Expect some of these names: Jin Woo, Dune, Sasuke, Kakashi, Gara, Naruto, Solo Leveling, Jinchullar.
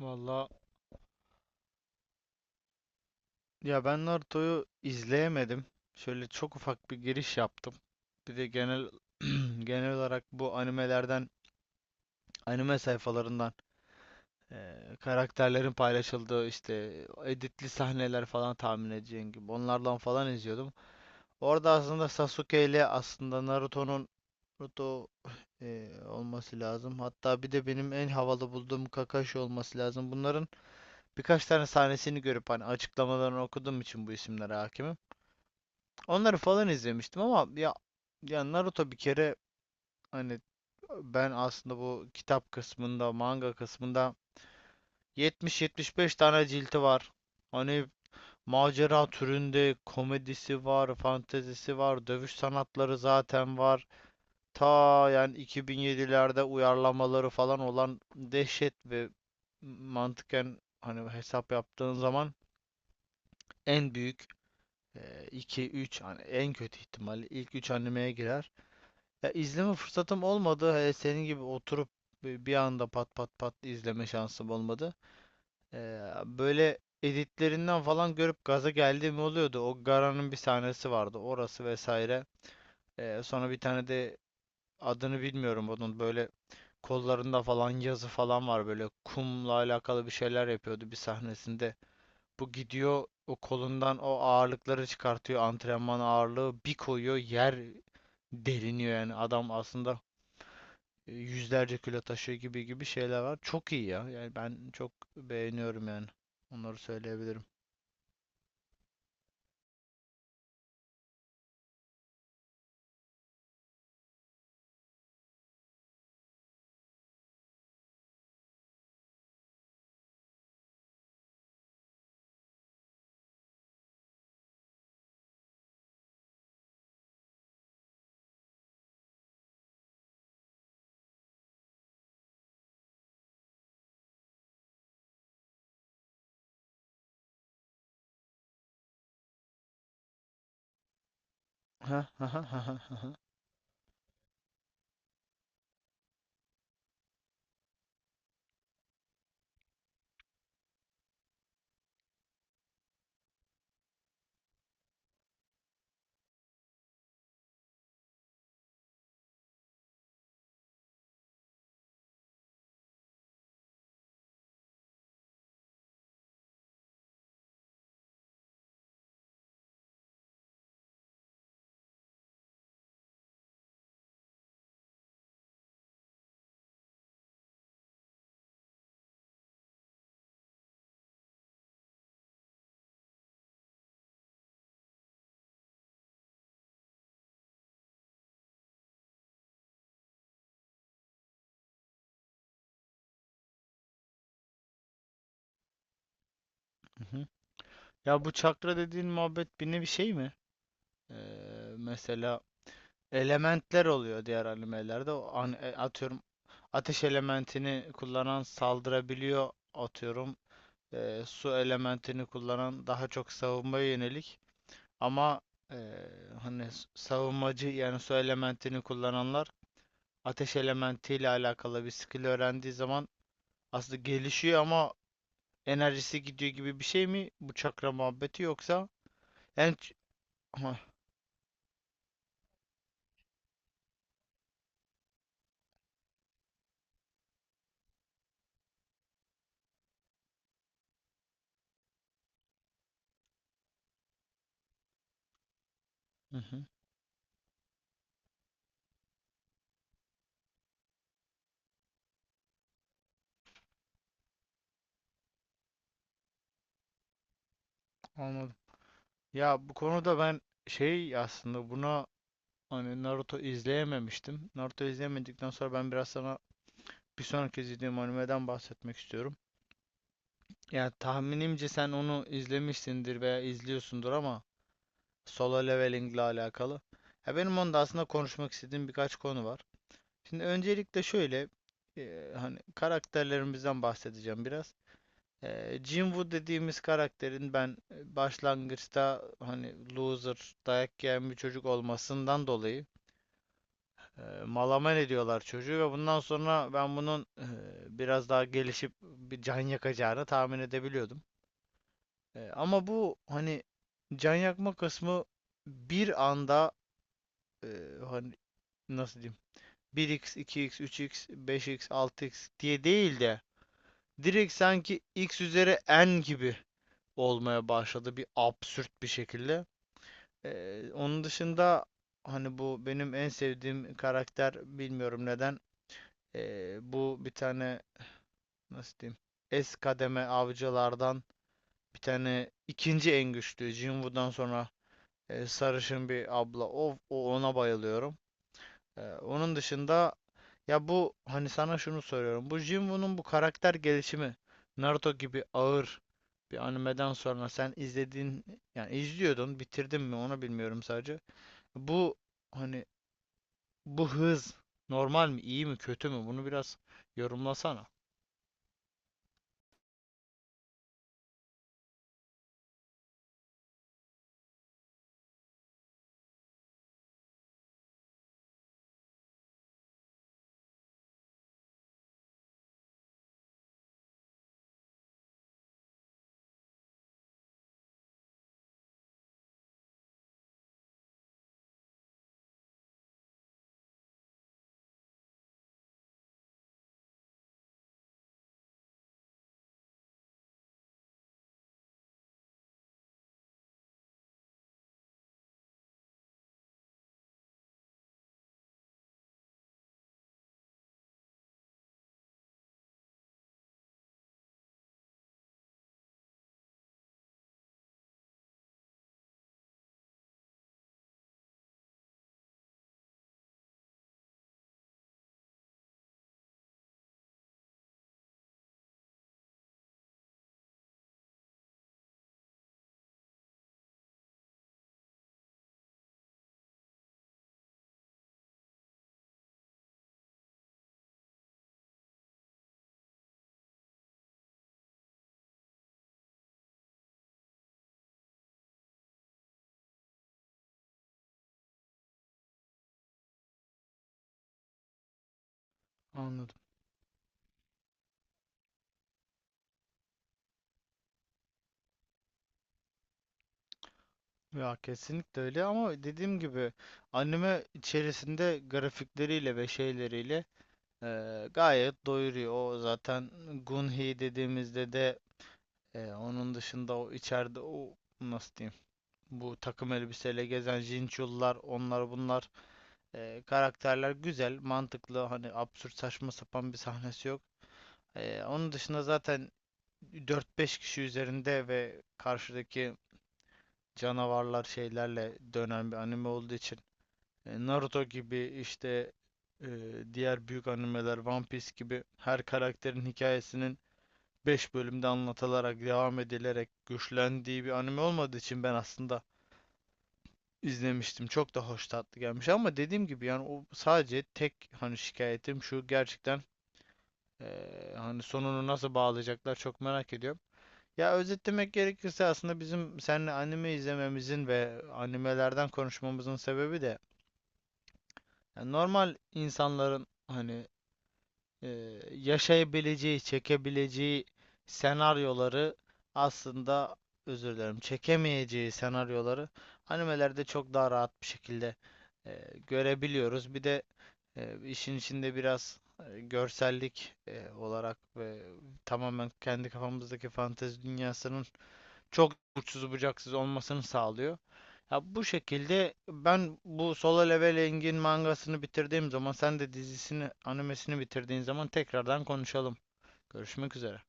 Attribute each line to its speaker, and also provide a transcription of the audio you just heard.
Speaker 1: Valla ya ben Naruto'yu izleyemedim. Şöyle çok ufak bir giriş yaptım. Bir de genel genel olarak bu animelerden, anime sayfalarından karakterlerin paylaşıldığı işte editli sahneler falan tahmin edeceğin gibi onlardan falan izliyordum. Orada aslında Sasuke ile aslında Naruto'nun Naruto olması lazım. Hatta bir de benim en havalı bulduğum Kakashi olması lazım. Bunların birkaç tane sahnesini görüp hani açıklamalarını okuduğum için bu isimlere hakimim. Onları falan izlemiştim ama ya Naruto bir kere hani ben aslında bu kitap kısmında, manga kısmında 70-75 tane cilti var. Hani macera türünde komedisi var, fantezisi var, dövüş sanatları zaten var. Ta yani 2007'lerde uyarlamaları falan olan dehşet ve mantıken hani hesap yaptığın zaman en büyük 2-3 hani en kötü ihtimalle ilk 3 animeye girer. Ya izleme fırsatım olmadı. Hele senin gibi oturup bir anda pat pat pat izleme şansım olmadı. Böyle editlerinden falan görüp gaza geldiğim oluyordu. O Gara'nın bir sahnesi vardı. Orası vesaire. Sonra bir tane de adını bilmiyorum onun böyle kollarında falan yazı falan var böyle kumla alakalı bir şeyler yapıyordu bir sahnesinde. Bu gidiyor o kolundan o ağırlıkları çıkartıyor antrenman ağırlığı bir koyuyor yer deliniyor yani adam aslında yüzlerce kilo taşıyor gibi gibi şeyler var. Çok iyi ya. Yani ben çok beğeniyorum yani. Onları söyleyebilirim. Ha ha ha ha ha ha. Hı hı. Ya bu çakra dediğin muhabbet bir nevi şey mi? Mesela elementler oluyor diğer animelerde. O an, atıyorum ateş elementini kullanan saldırabiliyor atıyorum. Su elementini kullanan daha çok savunmaya yönelik. Ama e, hani savunmacı yani su elementini kullananlar ateş elementiyle alakalı bir skill öğrendiği zaman aslında gelişiyor ama enerjisi gidiyor gibi bir şey mi bu çakra muhabbeti yoksa en ç- Hah, Hı hı, anladım. Ya bu konuda ben şey aslında buna hani Naruto izleyememiştim. Naruto izleyemedikten sonra ben biraz sana bir sonraki izlediğim animeden bahsetmek istiyorum. Ya tahminimce sen onu izlemişsindir veya izliyorsundur ama Solo Leveling ile alakalı. Ya benim onda aslında konuşmak istediğim birkaç konu var. Şimdi öncelikle şöyle hani karakterlerimizden bahsedeceğim biraz. Jin Woo dediğimiz karakterin ben başlangıçta hani loser dayak yiyen bir çocuk olmasından dolayı malaman ediyorlar çocuğu ve bundan sonra ben bunun biraz daha gelişip bir can yakacağını tahmin edebiliyordum. Ama bu hani can yakma kısmı bir anda e, hani nasıl diyeyim 1x, 2x, 3x, 5x, 6x diye değil de direkt sanki x üzeri n gibi olmaya başladı bir absürt bir şekilde. Onun dışında hani bu benim en sevdiğim karakter bilmiyorum neden. Bu bir tane nasıl diyeyim S kademe avcılardan bir tane ikinci en güçlü Jinwoo'dan sonra sarışın bir abla. O ona bayılıyorum. Onun dışında. Ya bu hani sana şunu soruyorum. Bu Jinwoo'nun bu karakter gelişimi Naruto gibi ağır bir animeden sonra sen izlediğin, yani izliyordun, bitirdin mi onu bilmiyorum sadece. Bu hani bu hız normal mi, iyi mi, kötü mü, bunu biraz yorumlasana. Anladım. Ya kesinlikle öyle ama dediğim gibi anime içerisinde grafikleriyle ve şeyleriyle gayet doyuruyor. O zaten Gunhi dediğimizde de. Onun dışında o içeride o nasıl diyeyim bu takım elbiseyle gezen Jinchullar onlar bunlar, karakterler güzel mantıklı, hani absürt saçma sapan bir sahnesi yok. Onun dışında zaten dört beş kişi üzerinde ve karşıdaki canavarlar şeylerle dönen bir anime olduğu için Naruto gibi işte e, diğer büyük animeler One Piece gibi her karakterin hikayesinin beş bölümde anlatılarak, devam edilerek güçlendiği bir anime olmadığı için ben aslında izlemiştim. Çok da hoş tatlı gelmiş ama dediğim gibi yani o sadece tek hani şikayetim şu, gerçekten hani sonunu nasıl bağlayacaklar çok merak ediyorum. Ya özetlemek gerekirse aslında bizim seninle anime izlememizin ve animelerden konuşmamızın sebebi de yani normal insanların hani yaşayabileceği, çekebileceği senaryoları, aslında özür dilerim, çekemeyeceği senaryoları animelerde çok daha rahat bir şekilde görebiliyoruz. Bir de işin içinde biraz görsellik olarak ve tamamen kendi kafamızdaki fantezi dünyasının çok uçsuz bucaksız olmasını sağlıyor. Ya bu şekilde ben bu Solo Leveling'in mangasını bitirdiğim zaman sen de dizisini, animesini bitirdiğin zaman tekrardan konuşalım. Görüşmek üzere.